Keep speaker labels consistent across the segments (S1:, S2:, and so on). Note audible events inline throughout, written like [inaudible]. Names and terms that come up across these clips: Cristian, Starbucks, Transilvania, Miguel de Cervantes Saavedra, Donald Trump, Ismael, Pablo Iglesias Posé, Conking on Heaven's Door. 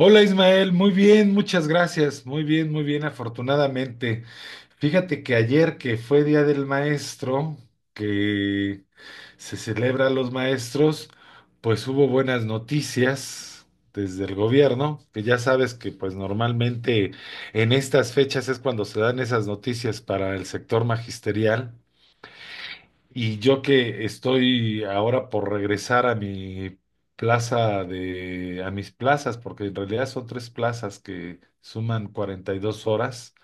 S1: Hola Ismael, muy bien, muchas gracias, muy bien, afortunadamente. Fíjate que ayer que fue Día del Maestro, que se celebra a los maestros, pues hubo buenas noticias desde el gobierno, que ya sabes que pues normalmente en estas fechas es cuando se dan esas noticias para el sector magisterial. Y yo que estoy ahora por regresar a mi a mis plazas, porque en realidad son tres plazas que suman 42 horas,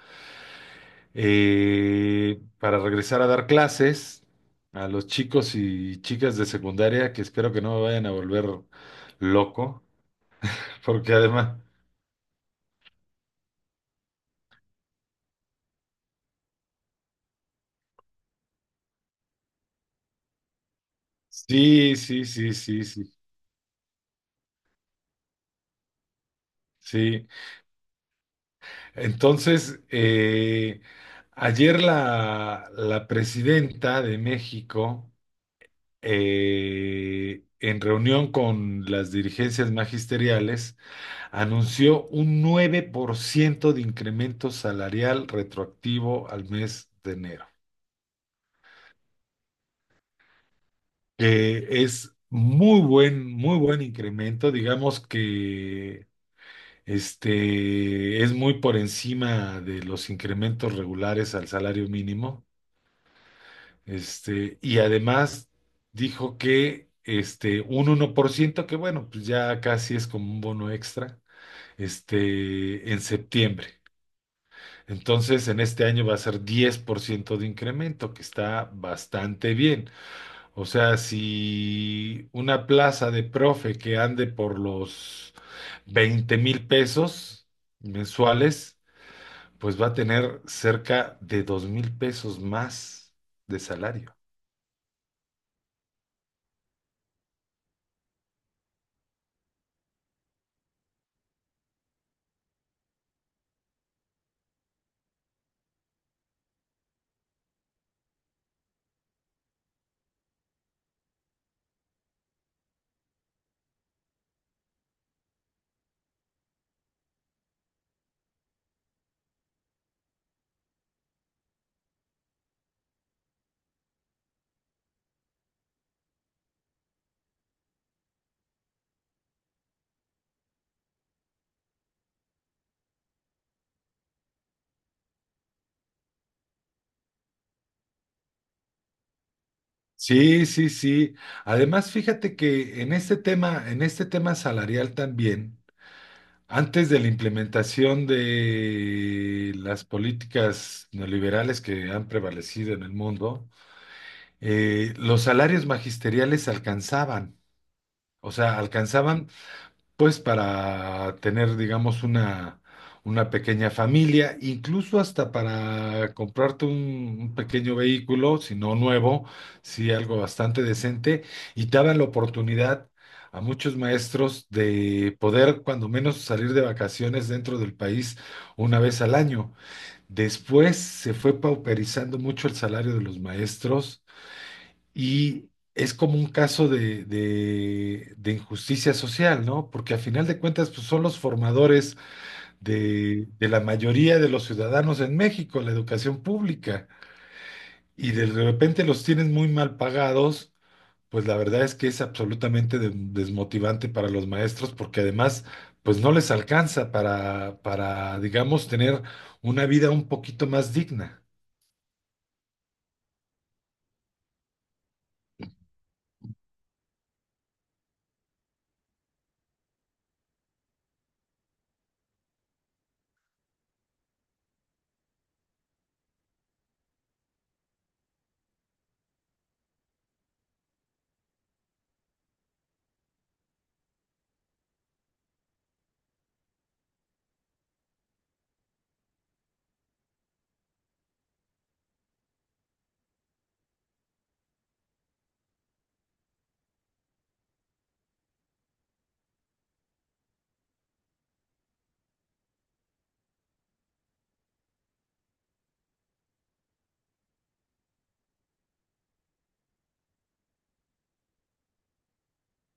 S1: para regresar a dar clases a los chicos y chicas de secundaria, que espero que no me vayan a volver loco, [laughs] porque además, sí, sí, sí, sí, sí, sí. Entonces, ayer la presidenta de México, en reunión con las dirigencias magisteriales, anunció un 9% de incremento salarial retroactivo al mes de enero, que es muy buen incremento, digamos que es muy por encima de los incrementos regulares al salario mínimo, y además dijo que un 1% que bueno, pues ya casi es como un bono extra, en septiembre. Entonces, en este año va a ser 10% de incremento, que está bastante bien. O sea, si una plaza de profe que ande por los $20,000 mensuales, pues va a tener cerca de $2,000 más de salario. Sí, sí, sí. Además, fíjate que en este tema salarial también, antes de la implementación de las políticas neoliberales que han prevalecido en el mundo, los salarios magisteriales alcanzaban, o sea, alcanzaban pues para tener, digamos, una pequeña familia, incluso hasta para comprarte un pequeño vehículo, si no nuevo, si algo bastante decente, y te daban la oportunidad a muchos maestros de poder, cuando menos, salir de vacaciones dentro del país una vez al año. Después se fue pauperizando mucho el salario de los maestros y es como un caso de injusticia social, ¿no? Porque a final de cuentas, pues, son los formadores de la mayoría de los ciudadanos en México, la educación pública, y de repente los tienen muy mal pagados, pues la verdad es que es absolutamente desmotivante para los maestros, porque además, pues no les alcanza para, digamos, tener una vida un poquito más digna.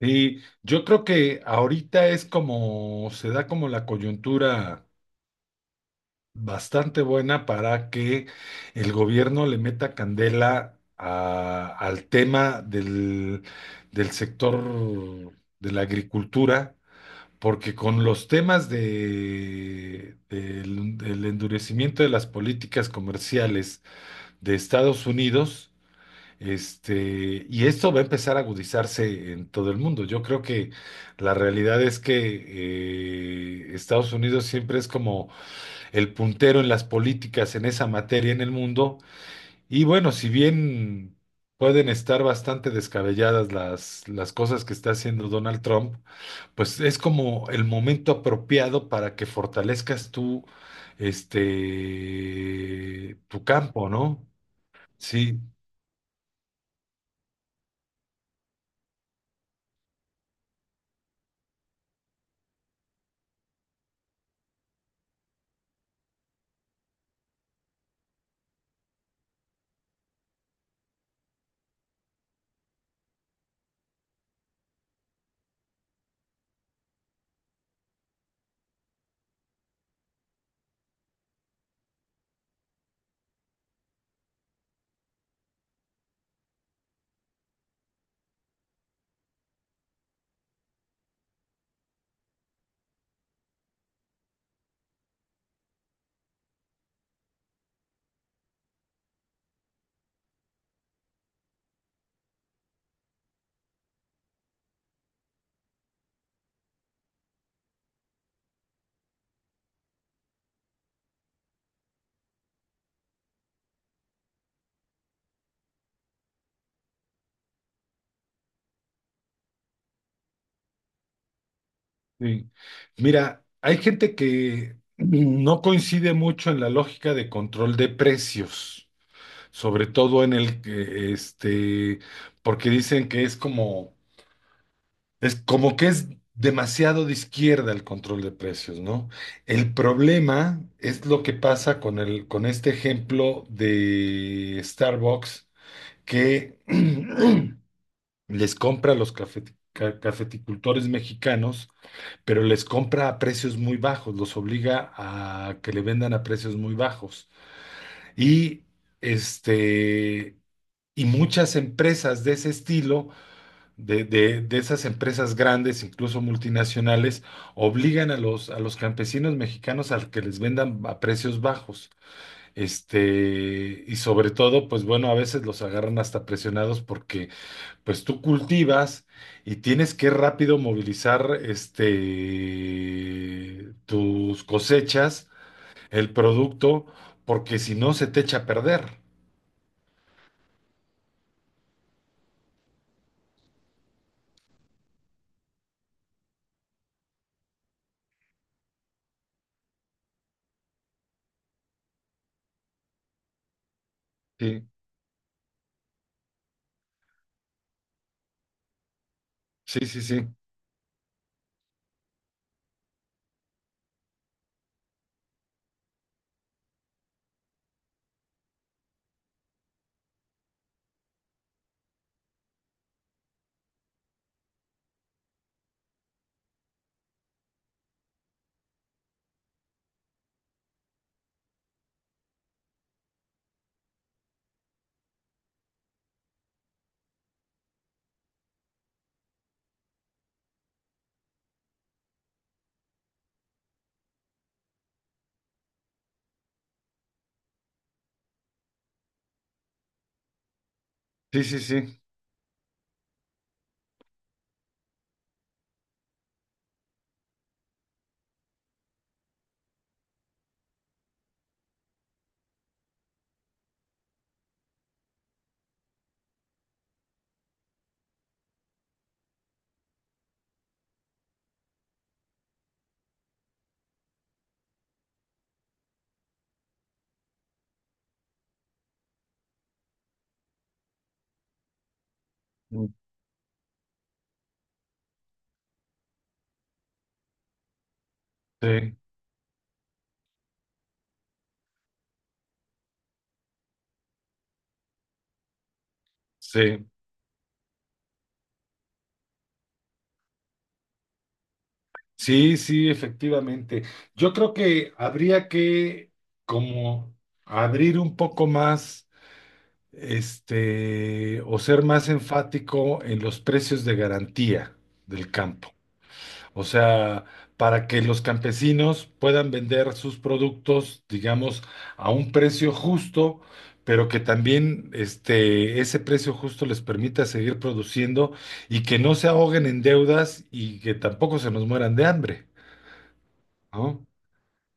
S1: Sí, yo creo que ahorita es como, se da como la coyuntura bastante buena para que el gobierno le meta candela al tema del, del sector de la agricultura, porque con los temas de, del del endurecimiento de las políticas comerciales de Estados Unidos, y esto va a empezar a agudizarse en todo el mundo. Yo creo que la realidad es que Estados Unidos siempre es como el puntero en las políticas en esa materia en el mundo. Y bueno, si bien pueden estar bastante descabelladas las cosas que está haciendo Donald Trump, pues es como el momento apropiado para que fortalezcas tú, tu campo, ¿no? Sí, sí. Mira, hay gente que no coincide mucho en la lógica de control de precios, sobre todo en el que, porque dicen que es como que es demasiado de izquierda el control de precios, ¿no? El problema es lo que pasa con el, con este ejemplo de Starbucks que [clears throat] les compra a los cafeticultores mexicanos pero les compra a precios muy bajos, los obliga a que le vendan a precios muy bajos. Y este, y muchas empresas de ese estilo, de esas empresas grandes, incluso multinacionales, obligan a los campesinos mexicanos a que les vendan a precios bajos. Y sobre todo, pues bueno, a veces los agarran hasta presionados porque pues tú cultivas y tienes que rápido movilizar tus cosechas, el producto, porque si no se te echa a perder. Sí, sí, sí, sí, sí, sí, sí. Mm. Sí, sí, sí, sí, efectivamente. Yo creo que habría que como abrir un poco más, o ser más enfático en los precios de garantía del campo. O sea, para que los campesinos puedan vender sus productos, digamos, a un precio justo, pero que también ese precio justo les permita seguir produciendo y que no se ahoguen en deudas y que tampoco se nos mueran de hambre, ¿no?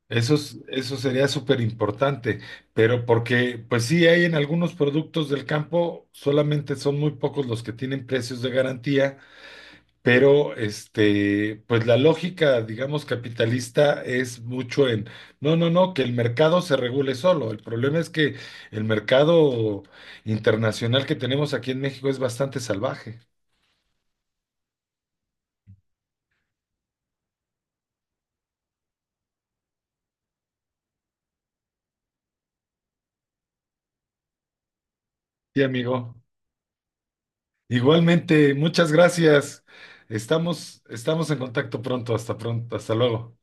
S1: Eso eso sería súper importante, pero porque, pues sí, hay en algunos productos del campo, solamente son muy pocos los que tienen precios de garantía pero pues la lógica, digamos, capitalista es mucho no, no, no, que el mercado se regule solo. El problema es que el mercado internacional que tenemos aquí en México es bastante salvaje. Sí, amigo. Igualmente, muchas gracias. Estamos en contacto pronto. Hasta pronto. Hasta luego.